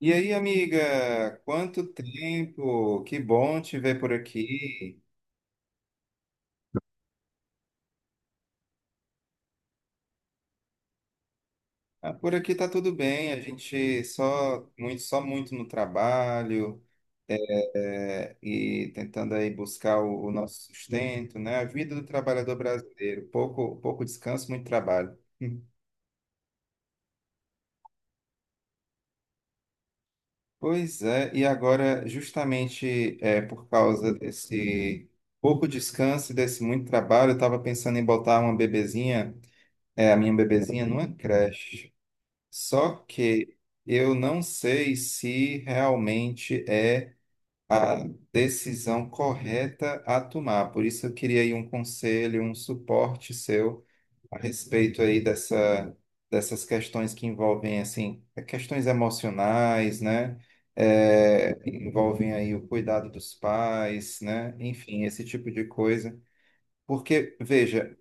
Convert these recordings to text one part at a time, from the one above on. E aí, amiga, quanto tempo? Que bom te ver por aqui. Ah, por aqui tá tudo bem, a gente só muito no trabalho, e tentando aí buscar o nosso sustento, né? A vida do trabalhador brasileiro, pouco descanso, muito trabalho. Pois é, e agora, justamente por causa desse pouco descanso e desse muito trabalho, eu estava pensando em botar a minha bebezinha numa creche. Só que eu não sei se realmente é a decisão correta a tomar. Por isso eu queria aí um conselho, um suporte seu a respeito aí dessas questões que envolvem, assim, questões emocionais, né? É, envolvem aí o cuidado dos pais, né? Enfim, esse tipo de coisa. Porque, veja,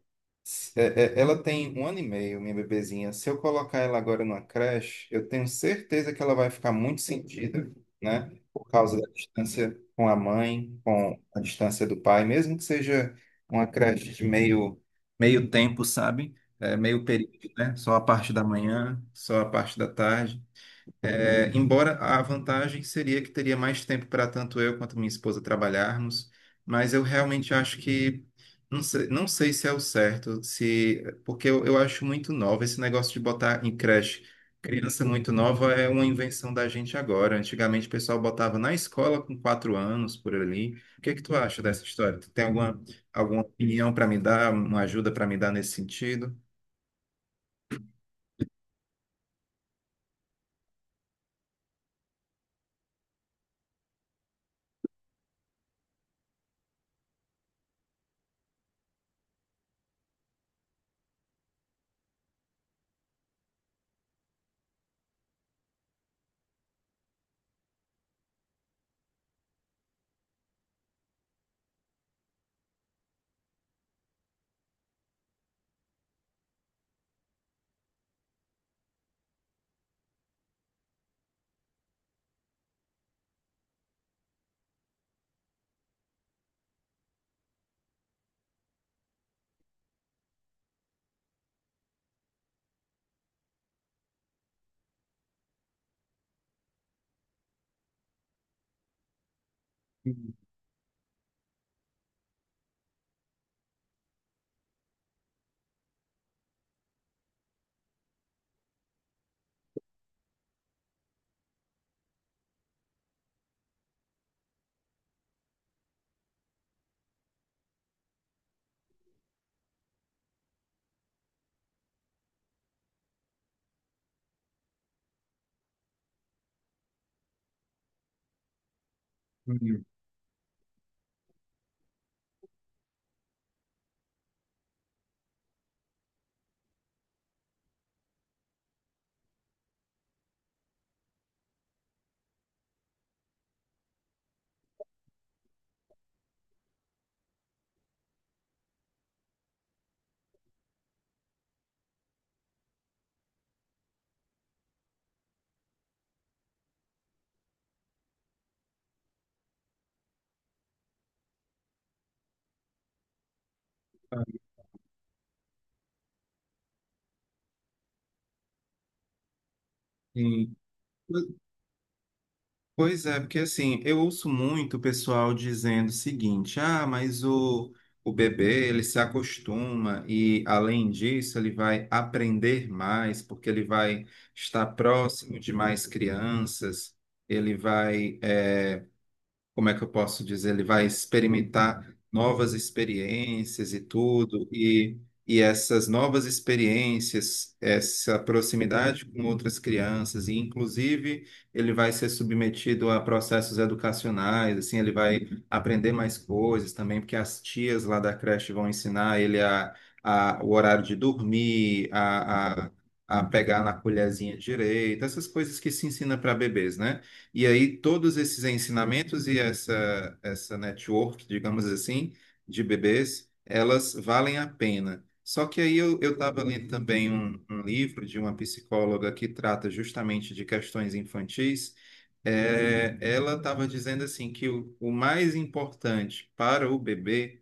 ela tem 1 ano e meio, minha bebezinha. Se eu colocar ela agora numa creche, eu tenho certeza que ela vai ficar muito sentida, né? Por causa da distância com a mãe, com a distância do pai, mesmo que seja uma creche de meio tempo, sabe? É, meio período, né? Só a parte da manhã, só a parte da tarde. É, embora a vantagem seria que teria mais tempo para tanto eu quanto minha esposa trabalharmos, mas eu realmente acho que não sei se é o certo, se porque eu acho muito nova esse negócio de botar em creche. Criança muito nova é uma invenção da gente agora. Antigamente o pessoal botava na escola com 4 anos por ali. O que é que tu acha dessa história? Tu tem alguma opinião para me dar, uma ajuda para me dar nesse sentido? Hum, hum, tá, sim. Pois é, porque assim, eu ouço muito o pessoal dizendo o seguinte: ah, mas o bebê ele se acostuma e, além disso, ele vai aprender mais, porque ele vai estar próximo de mais crianças, ele vai. eh, como é que eu posso dizer, ele vai experimentar novas experiências e tudo, e essas novas experiências, essa proximidade com outras crianças, e inclusive ele vai ser submetido a processos educacionais, assim, ele vai aprender mais coisas também, porque as tias lá da creche vão ensinar ele o horário de dormir, a pegar na colherzinha direita, essas coisas que se ensina para bebês, né? E aí, todos esses ensinamentos e essa network, digamos assim, de bebês, elas valem a pena. Só que aí eu estava lendo também um livro de uma psicóloga que trata justamente de questões infantis. É, ela estava dizendo assim que o mais importante para o bebê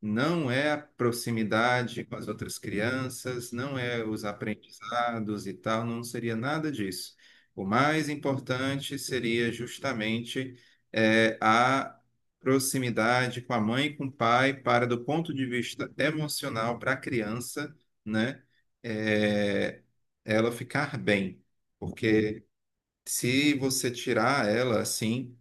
não é a proximidade com as outras crianças, não é os aprendizados e tal, não seria nada disso. O mais importante seria justamente a proximidade com a mãe e com o pai, para do ponto de vista emocional para a criança, né, eh, ela ficar bem, porque se você tirar ela assim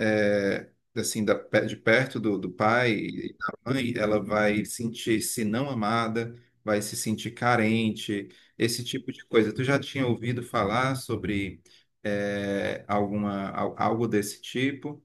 é, assim, de perto do pai e da mãe, ela vai sentir-se não amada, vai se sentir carente, esse tipo de coisa. Tu já tinha ouvido falar sobre algo desse tipo?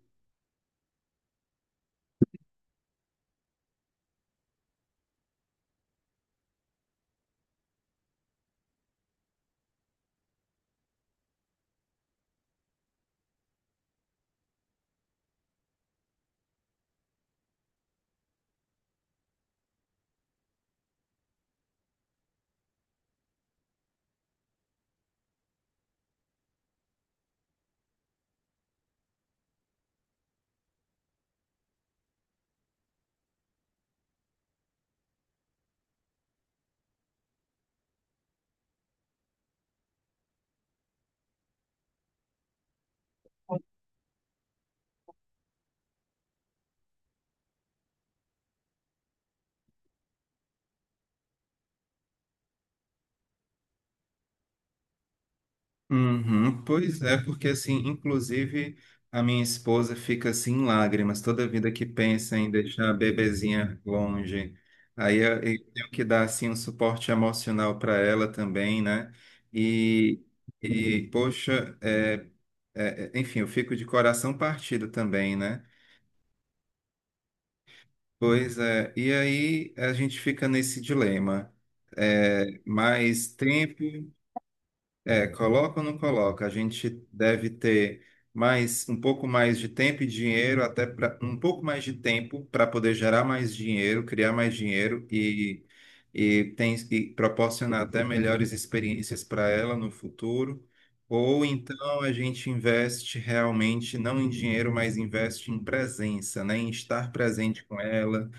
Uhum, pois é, porque assim, inclusive a minha esposa fica assim em lágrimas toda vida que pensa em deixar a bebezinha longe. Aí eu tenho que dar assim um suporte emocional para ela também, né? E, e poxa, enfim, eu fico de coração partido também, né? Pois é, e aí a gente fica nesse dilema. É, mais tempo. É, coloca ou não coloca? A gente deve ter mais um pouco mais de tempo e dinheiro, até pra, um pouco mais de tempo para poder gerar mais dinheiro, criar mais dinheiro e proporcionar até melhores experiências para ela no futuro. Ou então a gente investe realmente não em dinheiro, mas investe em presença, né? Em estar presente com ela,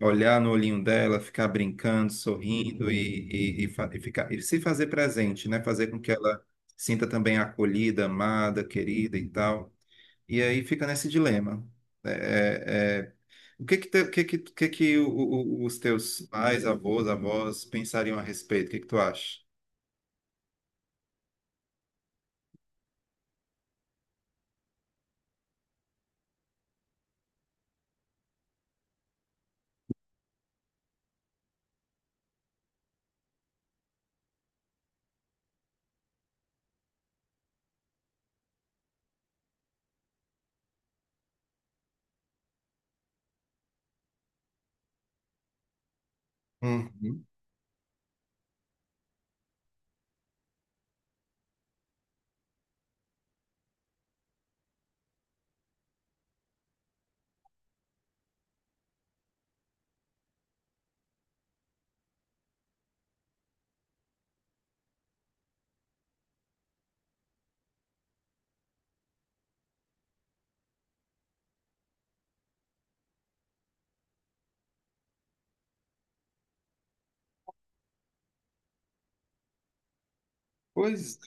olhar no olhinho dela, ficar brincando, sorrindo e ficar, e se fazer presente, né? Fazer com que ela sinta também acolhida, amada, querida e tal. E aí fica nesse dilema. É, é, é, o que que, os teus pais, avós pensariam a respeito? O que que tu acha? Uhum. Pois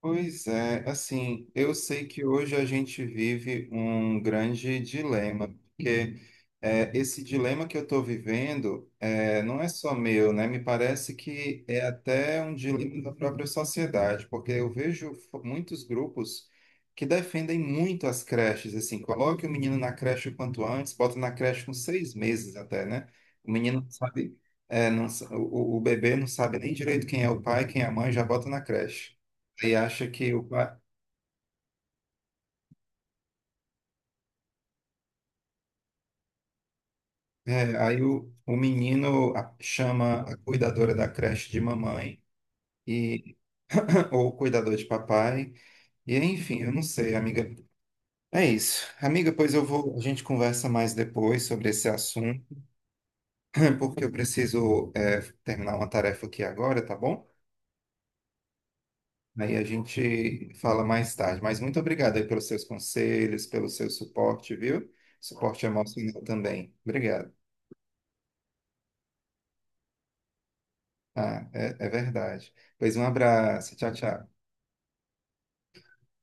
Pois é, assim, eu sei que hoje a gente vive um grande dilema, porque esse dilema que eu estou vivendo não é só meu, né? Me parece que é até um dilema da própria sociedade, porque eu vejo muitos grupos que defendem muito as creches, assim, coloque o menino na creche o quanto antes, bota na creche com 6 meses até, né? O menino não sabe, é, não sa- o bebê não sabe nem direito quem é o pai, quem é a mãe, já bota na creche. Aí acha que o pai. É, aí o menino chama a cuidadora da creche de mamãe, e, ou o cuidador de papai, e enfim, eu não sei, amiga. É isso. Amiga, pois eu vou. A gente conversa mais depois sobre esse assunto, né, porque eu preciso, terminar uma tarefa aqui agora, tá bom? Aí a gente fala mais tarde. Mas muito obrigado aí pelos seus conselhos, pelo seu suporte, viu? Suporte emocional também. Obrigado. Ah, é verdade. Pois um abraço. Tchau, tchau.